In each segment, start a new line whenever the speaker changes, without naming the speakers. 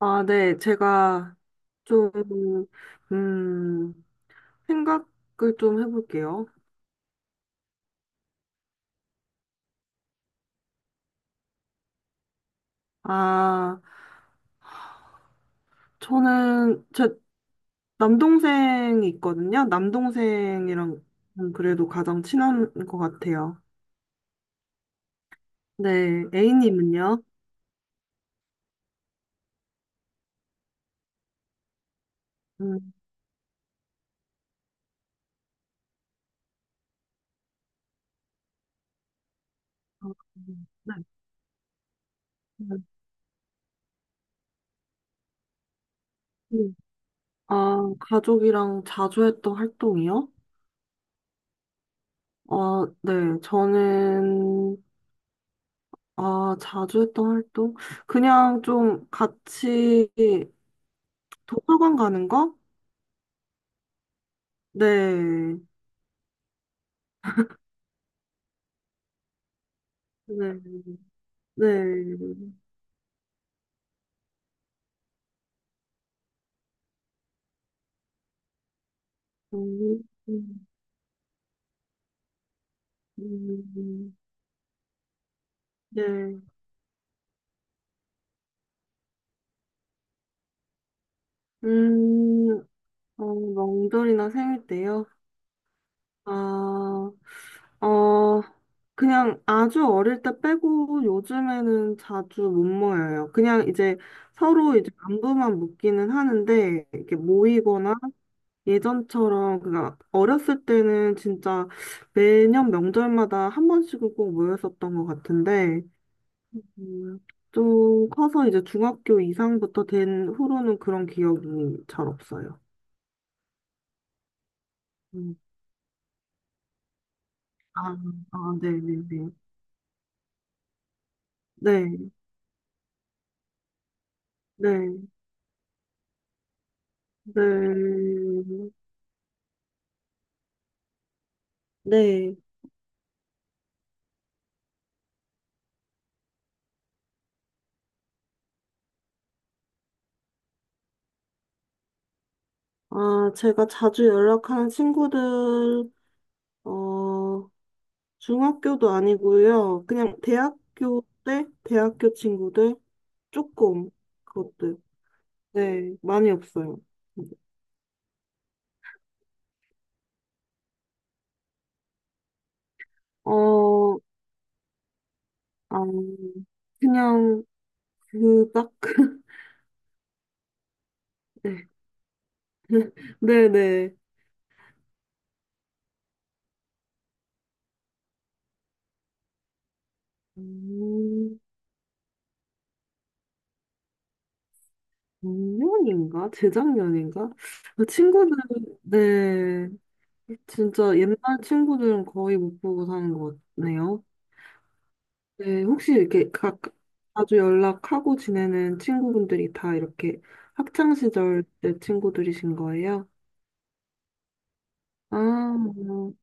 아, 네. 제가 좀, 음, 생각을 좀 해볼게요. 아, 저는 제 남동생이 있거든요. 남동생이랑 그래도 가장 친한 것 같아요. 네. A님은요? 음, 어, 네. 음. 음. 아, 가족이랑 자주 했던 활동이요? 네. 저는, 아, 자주 했던 활동? 그냥 좀 같이 도서관 가는 거? 네. 네. 네. 음, 음, 음, 네. 음, 명절이나 생일 때요? 아, 어, 그냥 아주 어릴 때 빼고 요즘에는 자주 못 모여요. 그냥 이제 서로 이제 안부만 묻기는 하는데, 이렇게 모이거나 예전처럼 그니까 어렸을 때는 진짜 매년 명절마다 한 번씩은 꼭 모였었던 것 같은데 음, 좀 커서 이제 중학교 이상부터 된 후로는 그런 기억이 잘 없어요. 음, 아, 아, 네네네. 네, 네, 네, 네. 아, 제가 자주 연락하는 친구들, 어, 중학교도 아니고요. 그냥 대학교 때 대학교 친구들 조금 그것들. 네, 많이 없어요. 어, 아, 그냥 그닥 네, 네, 네. 음, 작년인가? 재작년인가? 그 친구들, 네. 진짜 옛날 친구들은 거의 못 보고 사는 것 같네요. 네, 혹시 이렇게 각 자주 연락하고 지내는 친구분들이 다 이렇게 학창 시절 때 친구들이신 거예요? 아,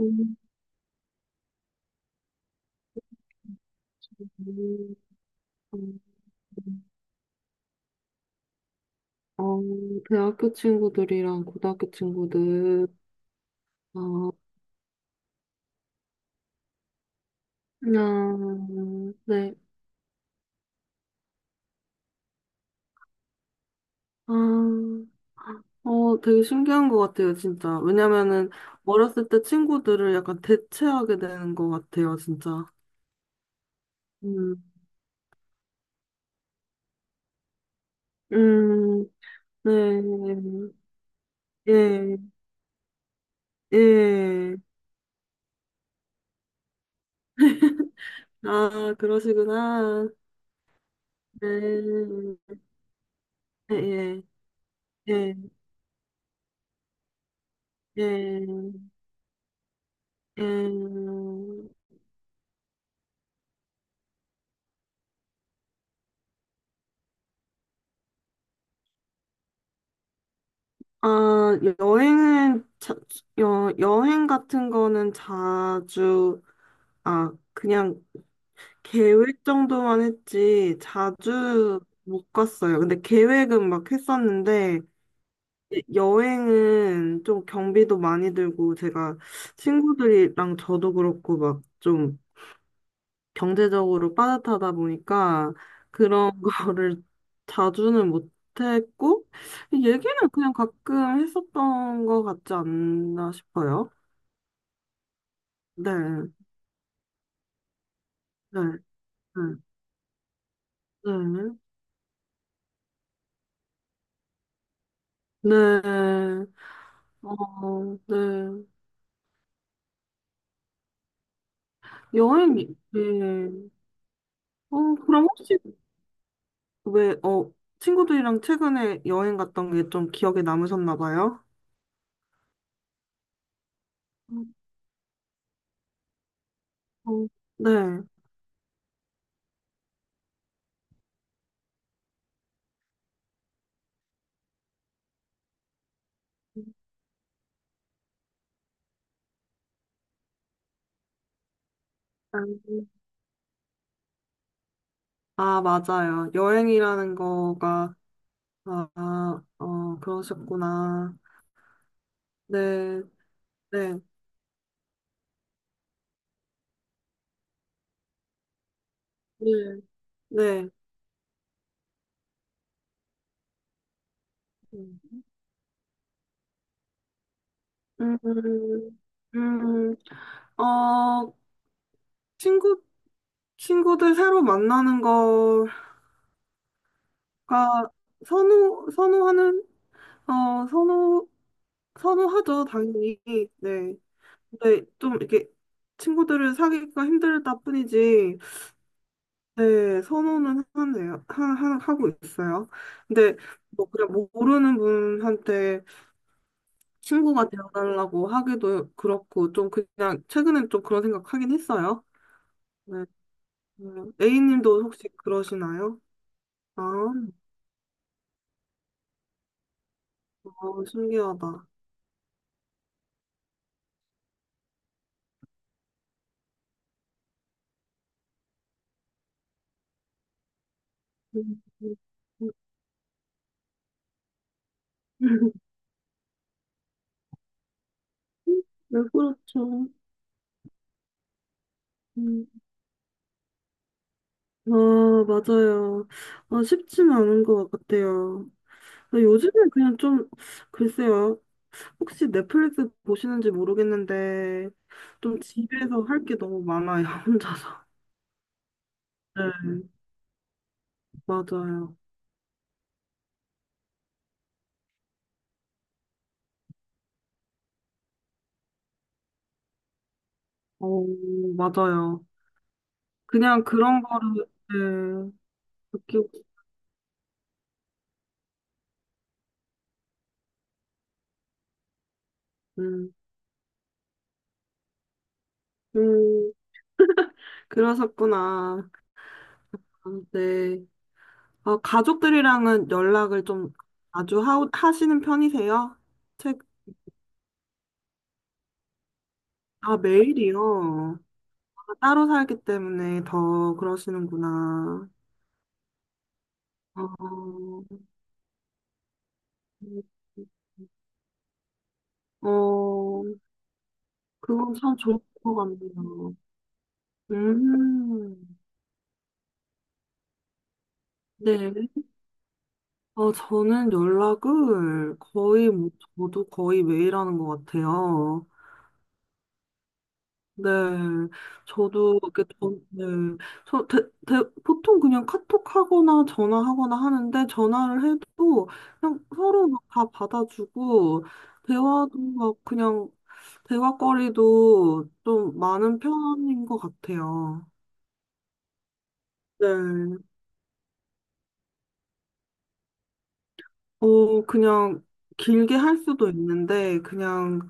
음, 음, 음. 어, 대학교 친구들이랑 고등학교 친구들, 어, 그냥, 네, 아, 되게 신기한 것 같아요, 진짜. 왜냐면은 어렸을 때 친구들을 약간 대체하게 되는 것 같아요, 진짜. 음, 음, 네. 예, 예. 아, 그러시구나. 네. 예, 예, 예, 예, 예. 아, 여행 같은 거는 자주, 아, 그냥 계획 정도만 했지, 자주 못 갔어요. 근데 계획은 막 했었는데, 예, 여행은 좀 경비도 많이 들고, 제가 친구들이랑 저도 그렇고, 막좀 경제적으로 빠듯하다 보니까 그런 거를 자주는 못했고 얘기는 그냥 가끔 했었던 것 같지 않나 싶어요. 네, 네, 네, 네, 네, 어, 네. 여행, 네. 그럼 혹시 왜, 친구들이랑 최근에 여행 갔던 게 좀 기억에 남으셨나 봐요? 어, 네. 아, 맞아요. 여행이라는 거가 아, 아, 그러셨구나. 네, 네, 네, 네. 음. 음, 음, 어, 친구, 친구들 새로 만나는 거가 선호하는, 어, 선호, 선호하죠, 당연히. 네. 근데 좀 이렇게 친구들을 사귀기가 힘들다 뿐이지, 네, 선호는 하네요. 하고 있어요. 근데 뭐 그냥 모르는 분한테 친구가 되어달라고 하기도 그렇고, 좀 그냥, 최근엔 좀 그런 생각 하긴 했어요. 네. A님도 혹시 그러시나요? 아, 너무 신기하다. 음, 음, 음. 네, 그렇죠. 음. 아, 맞아요. 아, 쉽지는 않은 것 같아요. 근데 요즘엔 그냥 좀, 글쎄요. 혹시 넷플릭스 보시는지 모르겠는데, 좀 집에서 할 게 너무 많아요, 혼자서. 네, 맞아요. 어, 맞아요. 그냥 그런 거를, 네, 느끼고, 음, 음, 그러셨구나. 아, 네. 아, 가족들이랑은 연락을 좀 자주 하시는 편이세요? 책, 아, 매일이요. 아, 따로 살기 때문에 더 그러시는구나. 어, 어, 그건 참 좋을 것 같네요. 음, 네. 저는 연락을 거의, 뭐, 저도 거의 매일 하는 것 같아요. 네. 저도, 이렇게, 네. 저, 대, 보통 그냥 카톡 하거나 전화하거나 하는데, 전화를 해도 그냥 서로 막 다 받아주고, 대화도 막 그냥, 대화거리도 좀 많은 편인 것 같아요. 네. 그냥 길게 할 수도 있는데, 그냥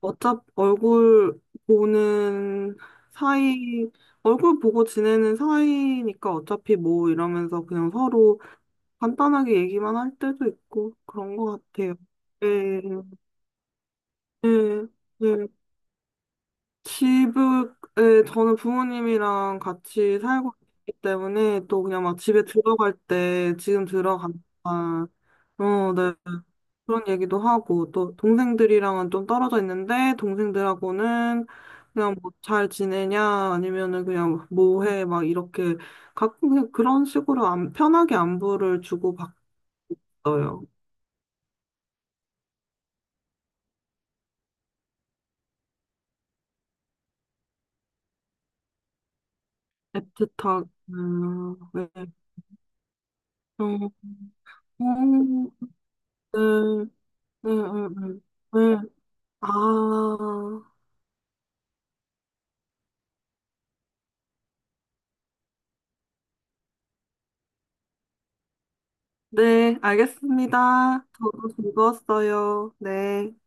어차피 보는 사이, 얼굴 보고 지내는 사이니까 어차피 뭐 이러면서 그냥 서로 간단하게 얘기만 할 때도 있고 그런 것 같아요. 예, 예, 예. 집에, 저는 부모님이랑 같이 살고 있기 때문에 또 그냥 막 집에 들어갈 때 지금 들어간다. 어, 네. 그런 얘기도 하고, 또 동생들이랑은 좀 떨어져 있는데, 동생들하고는 그냥 뭐 잘 지내냐, 아니면은 그냥 뭐 해, 막 이렇게 가끔 그냥 그런 식으로 안, 편하게 안부를 주고받어요. 애틋하게, 네. 음, 음, 네, 네, 네, 네. 네. 아, 네, 알겠습니다. 저도 즐거웠어요. 네.